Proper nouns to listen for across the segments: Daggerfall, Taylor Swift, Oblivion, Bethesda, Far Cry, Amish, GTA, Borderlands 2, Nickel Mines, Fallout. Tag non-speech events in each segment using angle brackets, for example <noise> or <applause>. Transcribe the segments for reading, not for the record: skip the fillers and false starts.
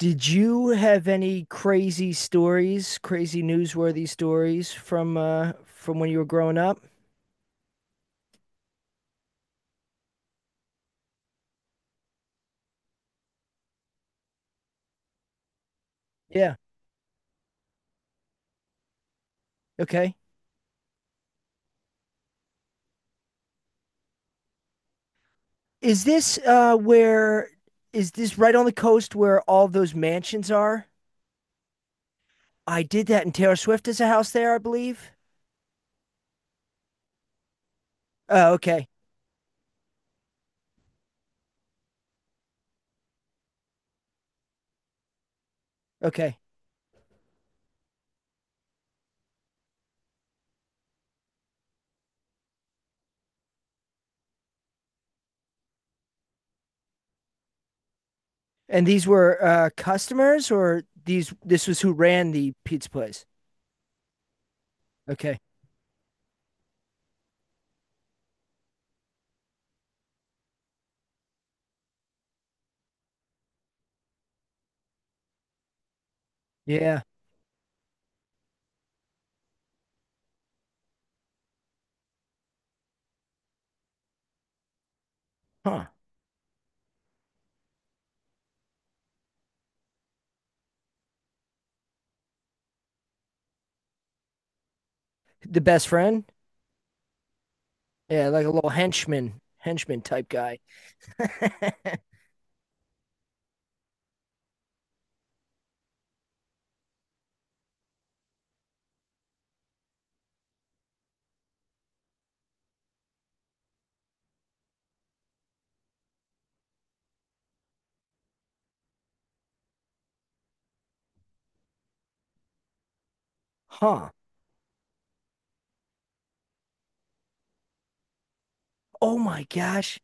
Did you have any crazy stories, crazy newsworthy stories from when you were growing up? Yeah. Okay. Is this uh where is this right on the coast where all those mansions are? I did that and Taylor Swift has a house there, I believe. Oh, okay. Okay. And these were customers, or these this was who ran the pizza place? Okay. Yeah. Huh. The best friend? Yeah, like a little henchman, henchman type guy. <laughs> Huh. Oh my gosh.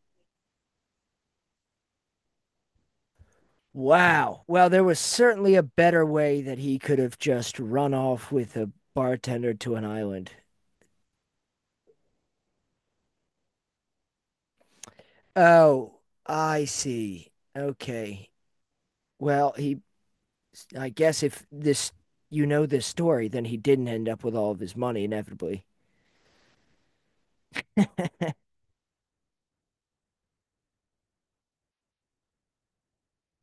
Wow. Well, there was certainly a better way that he could have just run off with a bartender to an island. Oh, I see. Okay. Well, he, I guess if you know this story, then he didn't end up with all of his money inevitably.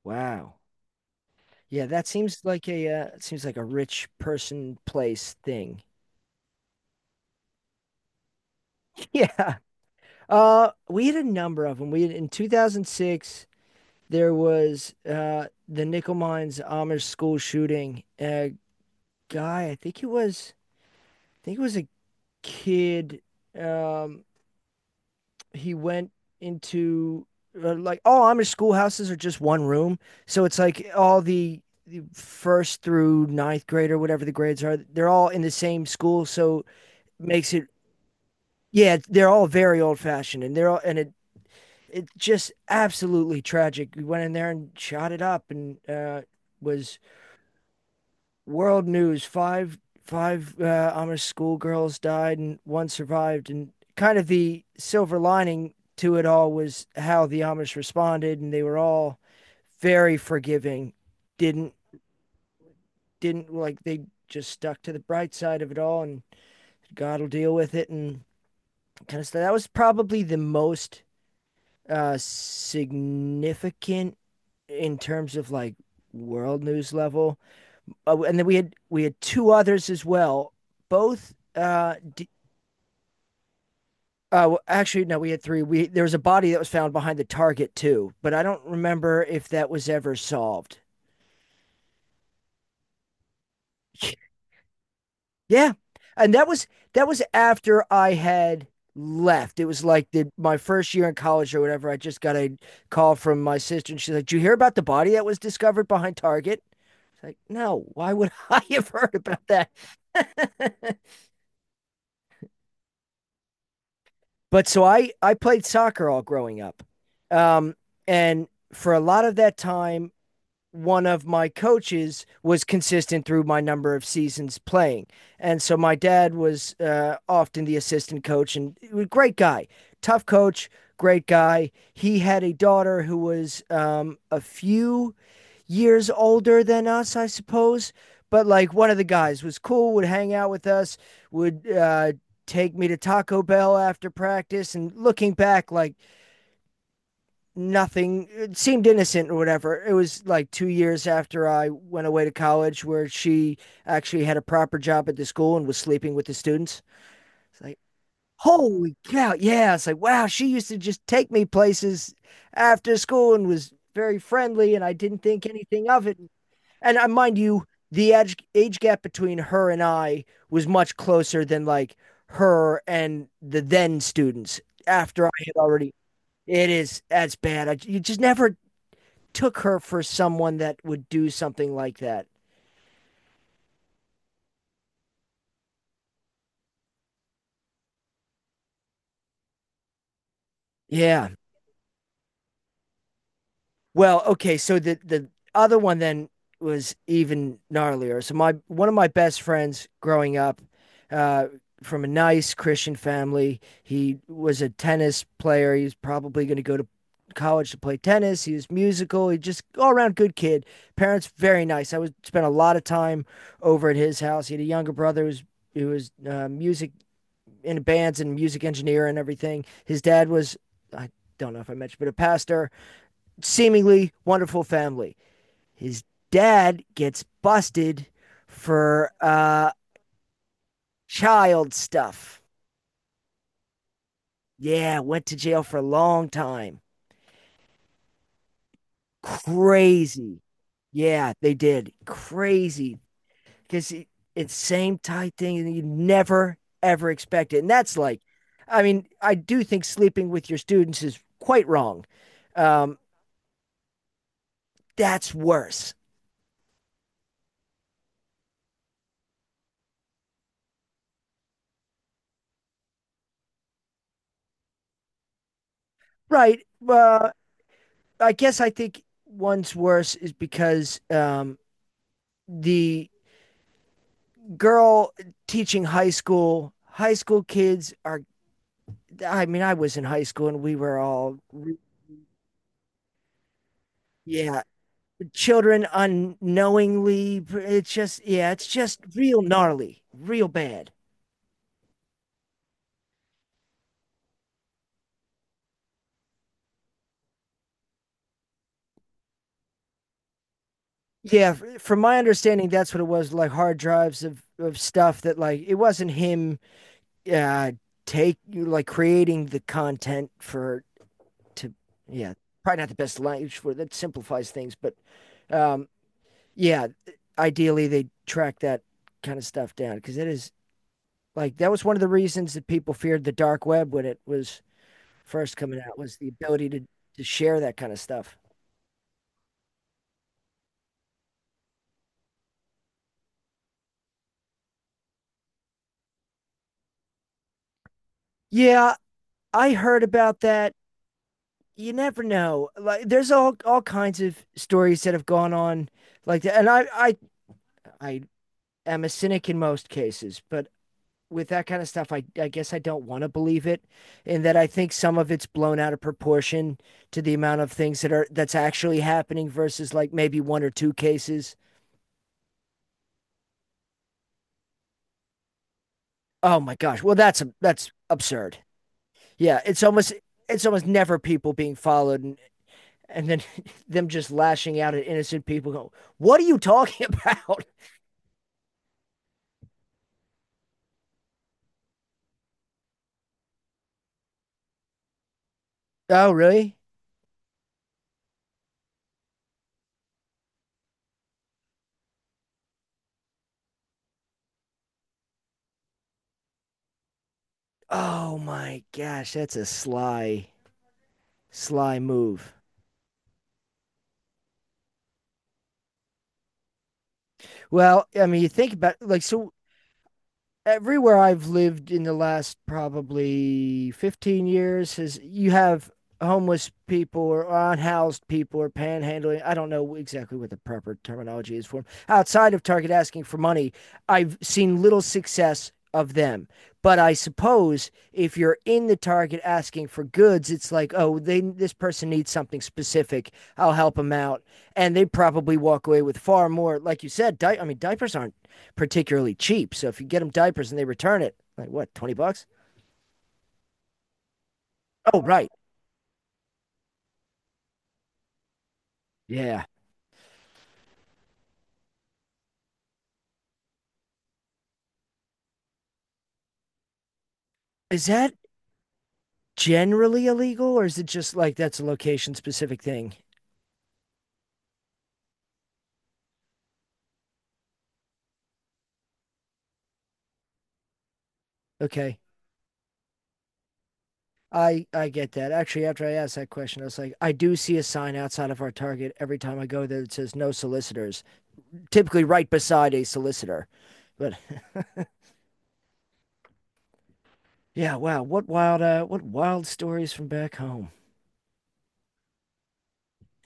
Wow. Yeah, that seems like a it seems like a rich person place thing. <laughs> Yeah. We had a number of them. We had in 2006. There was the Nickel Mines Amish school shooting. A guy, I think it was a kid. Um, he went into like all Amish schoolhouses are just one room, so it's like all the first through ninth grade, or whatever the grades are. They're all in the same school, so it makes it yeah. They're all very old fashioned, and they're all and it just absolutely tragic. We went in there and shot it up, and was world news. Five Amish schoolgirls died and one survived, and kind of the silver lining to it all was how the Amish responded, and they were all very forgiving. Didn't didn't like they just stuck to the bright side of it all, and God will deal with it, and kind of stuff. That was probably the most significant in terms of like world news level. Oh, and then we had two others as well. Both, uh, d- Actually, no, we had three. We There was a body that was found behind the Target too, but I don't remember if that was ever solved. <laughs> Yeah, and that was after I had left. It was like the my first year in college or whatever. I just got a call from my sister, and she's like, "Did you hear about the body that was discovered behind Target?" It's like, no, why would <laughs> I have heard about that? <laughs> But so I played soccer all growing up, um, and for a lot of that time, one of my coaches was consistent through my number of seasons playing, and so my dad was often the assistant coach, and he was a great guy, tough coach, great guy. He had a daughter who was a few years older than us, I suppose. But like one of the guys, was cool, would hang out with us, would take me to Taco Bell after practice. And looking back, like nothing it seemed innocent or whatever. It was like 2 years after I went away to college where she actually had a proper job at the school and was sleeping with the students. It's like, holy cow. Yeah. It's like, wow, she used to just take me places after school and was very friendly. And I didn't think anything of it, and mind you, the age gap between her and I was much closer than like her and the then students. After I had already, It is as bad. You just never took her for someone that would do something like that. Yeah. Well, okay, so the other one then was even gnarlier. So my one of my best friends growing up, uh, from a nice Christian family, he was a tennis player. He was probably going to go to college to play tennis. He was musical. He just all around good kid. Parents very nice. I would spend a lot of time over at his house. He had a younger brother who was music in bands, and music engineer and everything. His dad was, I don't know if I mentioned, but a pastor, seemingly wonderful family. His dad gets busted for child stuff. Yeah, went to jail for a long time. Crazy. Yeah, they did. Crazy. Because it's same type thing and you never, ever expect it. And that's like, I mean, I do think sleeping with your students is quite wrong. Um, that's worse. Right. Well, I guess I think one's worse is because the girl teaching high school. High school kids are, I mean, I was in high school and we were all, yeah, children unknowingly. It's just, yeah, it's just real gnarly, real bad. Yeah, from my understanding, that's what it was, like hard drives of stuff that, like, it wasn't him uh, take like creating the content to, yeah, probably not the best language for that, simplifies things, but um, yeah, ideally they track that kind of stuff down because it is, like, that was one of the reasons that people feared the dark web when it was first coming out, was the ability to share that kind of stuff. Yeah, I heard about that. You never know. Like there's all kinds of stories that have gone on like that. And I am a cynic in most cases, but with that kind of stuff, I guess I don't want to believe it, and that I think some of it's blown out of proportion to the amount of things that are that's actually happening versus like maybe one or two cases. Oh my gosh, well that's absurd. Yeah, it's almost never people being followed, and then <laughs> them just lashing out at innocent people. Go, what are you talking about? <laughs> Oh really? Oh my gosh, that's a sly move. Well, I mean, you think about like, so everywhere I've lived in the last probably 15 years, has, you have homeless people or unhoused people or panhandling. I don't know exactly what the proper terminology is for them. Outside of Target asking for money, I've seen little success of them. But I suppose if you're in the Target asking for goods, it's like, oh, they this person needs something specific. I'll help them out. And they probably walk away with far more, like you said, I mean, diapers aren't particularly cheap. So if you get them diapers and they return it, like what, 20 bucks? Oh, right. Yeah. Is that generally illegal, or is it just like that's a location specific thing? Okay. I get that. Actually, after I asked that question, I was like, I do see a sign outside of our Target every time I go there that says no solicitors, typically right beside a solicitor. But <laughs> yeah, wow, what wild stories from back home.